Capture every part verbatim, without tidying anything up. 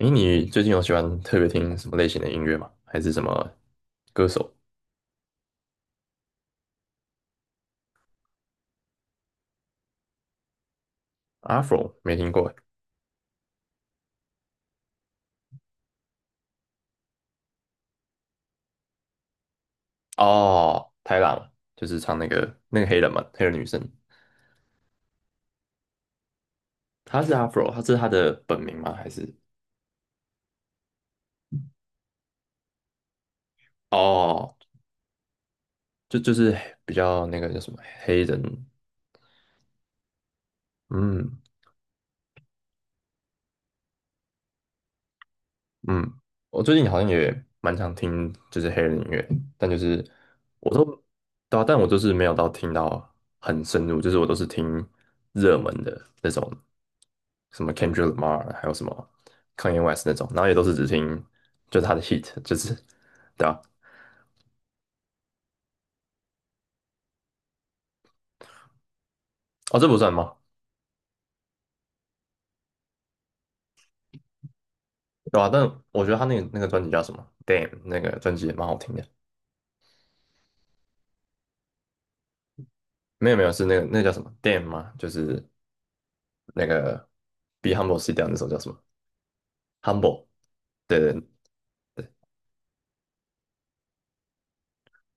诶，你最近有喜欢特别听什么类型的音乐吗？还是什么歌手？Afro 没听过诶。哦，泰拉嘛，就是唱那个那个黑人嘛，黑人女生。她是 Afro，她是她的本名吗？还是哦，就就是比较那个叫什么黑人？嗯。嗯，我最近好像也蛮常听就是黑人音乐，但就是我都对啊，但我就是没有到听到很深入，就是我都是听热门的那种，什么 Kendrick Lamar,还有什么 Kanye West 那种，然后也都是只听就是他的 hit,就是对啊。哦，这不算吗？对啊，但我觉得他那个那个专辑叫什么？Damn,那个专辑也蛮好听的。没有没有，是那个那个叫什么 Damn 吗？就是那个 Be Humble Sit Down 那首叫什么？Humble,对对。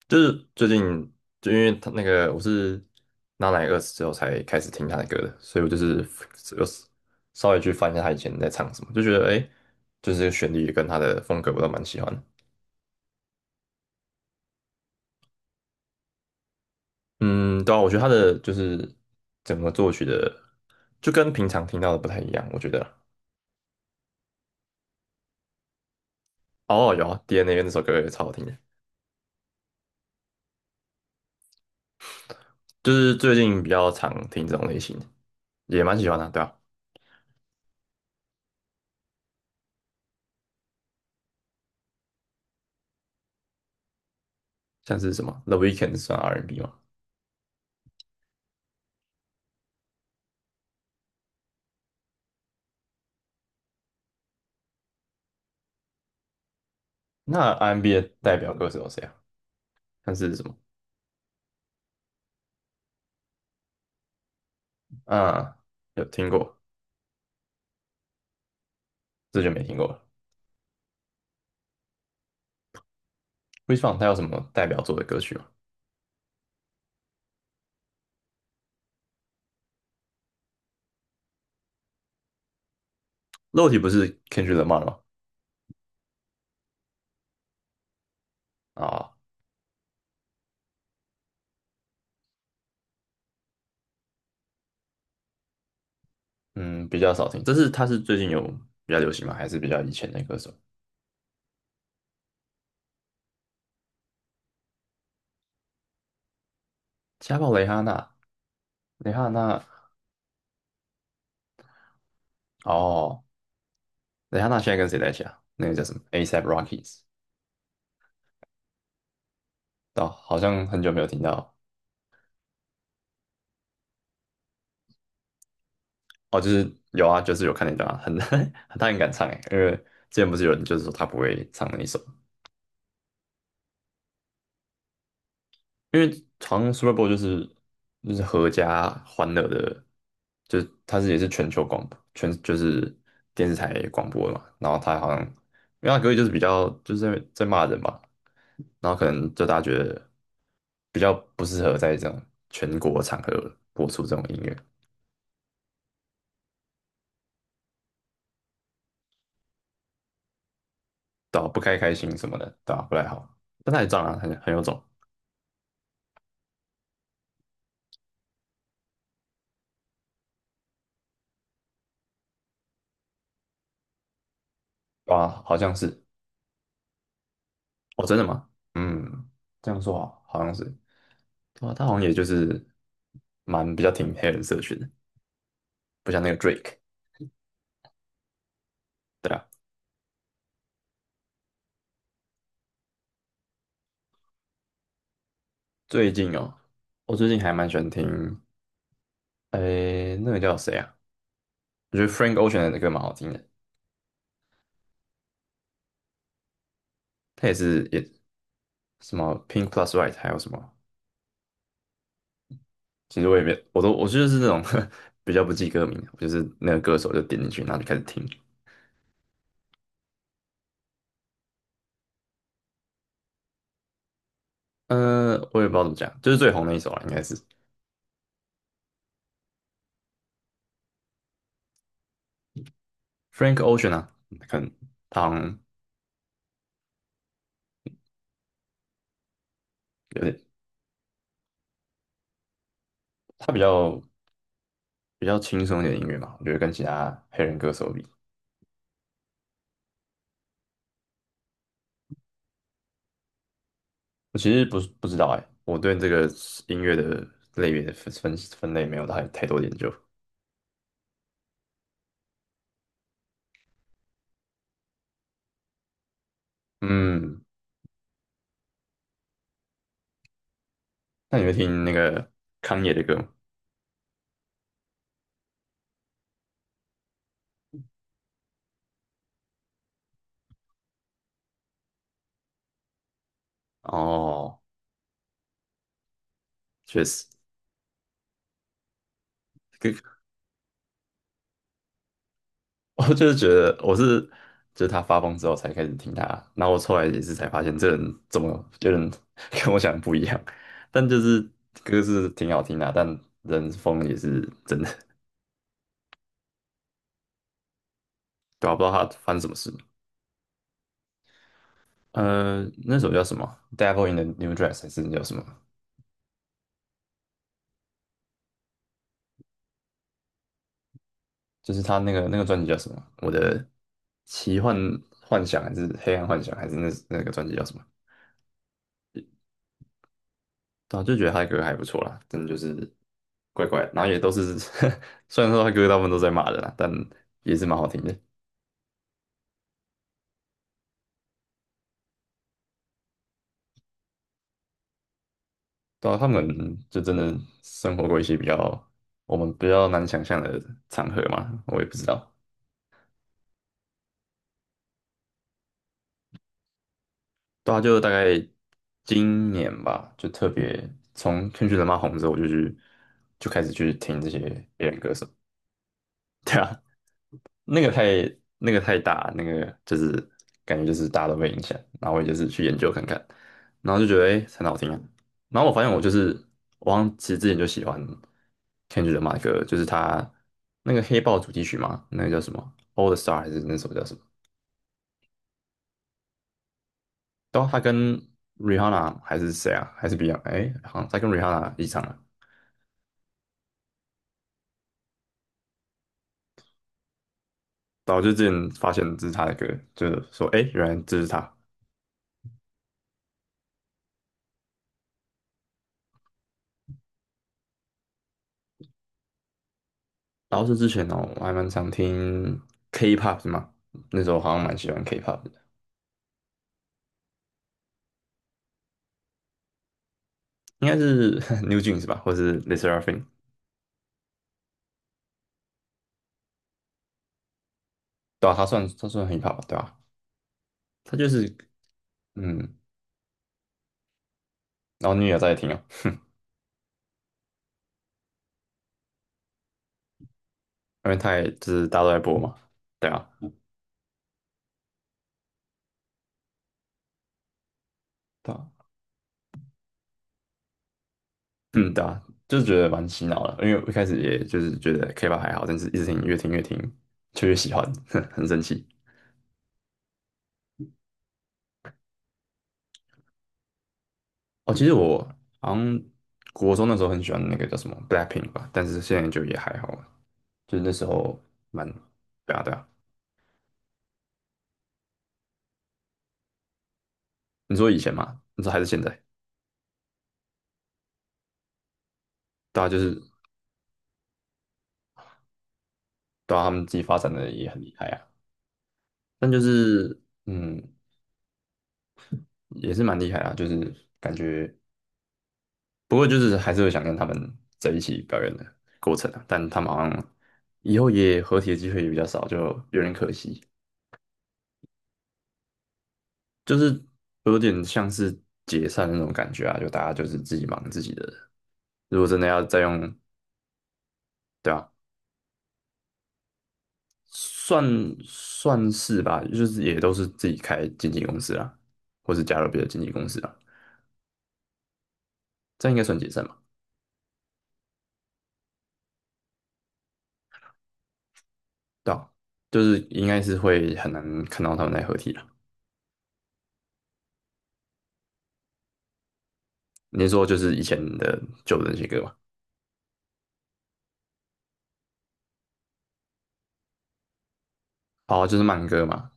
就是最近，就因为他那个，我是娜奶二十之后才开始听他的歌的，所以我就是有稍微去翻一下他以前在唱什么，就觉得诶，就是这个旋律跟他的风格我都蛮喜欢的。嗯，对啊，我觉得他的就是整个作曲的，就跟平常听到的不太一样，我觉得。哦，有啊，D N A 那首歌也超好听的。就是最近比较常听这种类型的，也蛮喜欢的啊，对啊。像是什么 The Weeknd 算 R and B n 吗？那 R and B n 的代表歌手有谁啊？像是什么？啊，有听过。这就没听过了。Chris Brown 他有什么代表作的歌曲吗？肉体不是 Kendrick Lamar 吗？啊，嗯，比较少听。这是，他是最近有比较流行吗？还是比较以前的歌手？家暴蕾哈娜，蕾哈娜，哦。蕾哈娜现在跟谁在一起啊？那个叫什么 A$AP Rockies?哦，好像很久没有听到。哦，就是有啊，就是有看那段啊，很 他很敢唱诶。因为之前不是有人就是说他不会唱那一首，因为好像 Super Bowl 就是就是合家欢乐的，就是它是也是全球广播，全就是电视台广播的嘛。然后它好像，因为它歌就是比较就是在在骂人嘛，然后可能就大家觉得比较不适合在这种全国场合播出这种音乐。对啊，不开开心什么的，对啊，不太好。但它也这样啊，很很有种。对啊，好像是。哦，真的吗？嗯，这样说，好，好像是。对啊，他好像也就是蛮比较挺黑人社群的，不像那个 Drake,对吧？最近哦，我最近还蛮喜欢听，诶，那个叫谁啊？我觉得 Frank Ocean 的歌蛮好听的，他也是也什么 Pink Plus White,还有什么？其实我也没，我都我就是那种 比较不记歌名，我就是那个歌手就点进去，然后就开始听。呃，我也不知道怎么讲，就是最红的一首啊，应该是 Frank Ocean 啊。可能他好像有点，他比较比较轻松一点的音乐嘛，我觉得跟其他黑人歌手比。我其实不是不知道哎、我对这个音乐的类别的分分分类没有太太多研究。嗯，那你会听那个康也的歌吗？哦，确实，跟 我就是觉得我是就是他发疯之后才开始听他，然后我后来也是才发现这人怎么有点 跟我想的不一样。但就是歌是挺好听的啊，但人疯也是真的，对啊，不知道他发生什么事。呃，那首叫什么？Devil in the New Dress 还是叫什么？就是他那个那个专辑叫什么？我的奇幻幻想还是黑暗幻想，还是那那个专辑叫什么？对啊，就觉得他的歌还不错啦，真的就是怪怪的，然后也都是 虽然说他歌大部分都在骂人啦，但也是蛮好听的。对啊，他们就真的生活过一些比较我们比较难想象的场合嘛，我也不知道。对啊，就大概今年吧，就特别从《天气人妈》红之后，我就去就开始去听这些别人歌手。那个太，那个太大，那个就是感觉就是大家都被影响，然后我也就是去研究看看，然后就觉得哎、诶，很好听啊。然后我发现我就是我好像其实之前就喜欢《天气人妈》的歌，就是他那个黑豹主题曲嘛，那个叫什么《All the Star》还是那首叫什么？对啊，他跟 Rihanna 还是谁啊？还是 Beyond?哎、好像他跟 Rihanna 一起唱了。然后就之前发现这是他的歌，就是说，哎，原来这是他。然后是之前哦，我还蛮常听 K-pop 的嘛，那时候好像蛮喜欢 K-pop 的，应该是 New Jeans 吧，或是 l e s s e r a f i m。 对啊，他算他算 hip hop 对吧？他就是嗯。然后你也有在听哦，因为他也就是大家都在播嘛，对啊，对啊。嗯，对啊，就是觉得蛮洗脑的，因为我一开始也就是觉得 K-pop 还好，但是一直听，越听越听就越喜欢，很神奇。哦，其实我好像国中那时候很喜欢那个叫什么 Blackpink 吧，但是现在就也还好了，就是那时候蛮，对啊对啊。你说以前嘛，你说还是现在，对啊，就是对啊，他们自己发展的也很厉害啊，但就是嗯，也是蛮厉害啊，就是感觉。不过就是还是会想跟他们在一起表演的过程啊，但他们好像以后也合体的机会也比较少，就有点可惜。就是有点像是解散那种感觉啊，就大家就是自己忙自己的。如果真的要再用，对啊，算算是吧，就是也都是自己开经纪公司啊，或是加入别的经纪公司啊，这样应该算解散吧？对啊，就是应该是会很难看到他们在合体了。你说就是以前的旧的那些歌嘛？哦，就是慢歌嘛？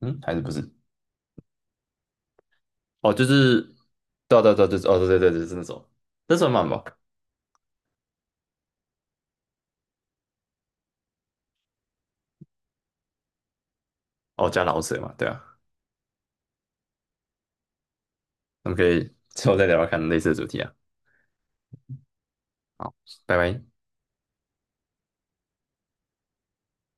嗯，还是不是？哦，就是，对啊对啊对啊，就是哦对对对，就是那首，那算慢吧？哦，加老舍嘛，对啊。我们可以之后再聊聊看类似的主题啊。好，拜拜。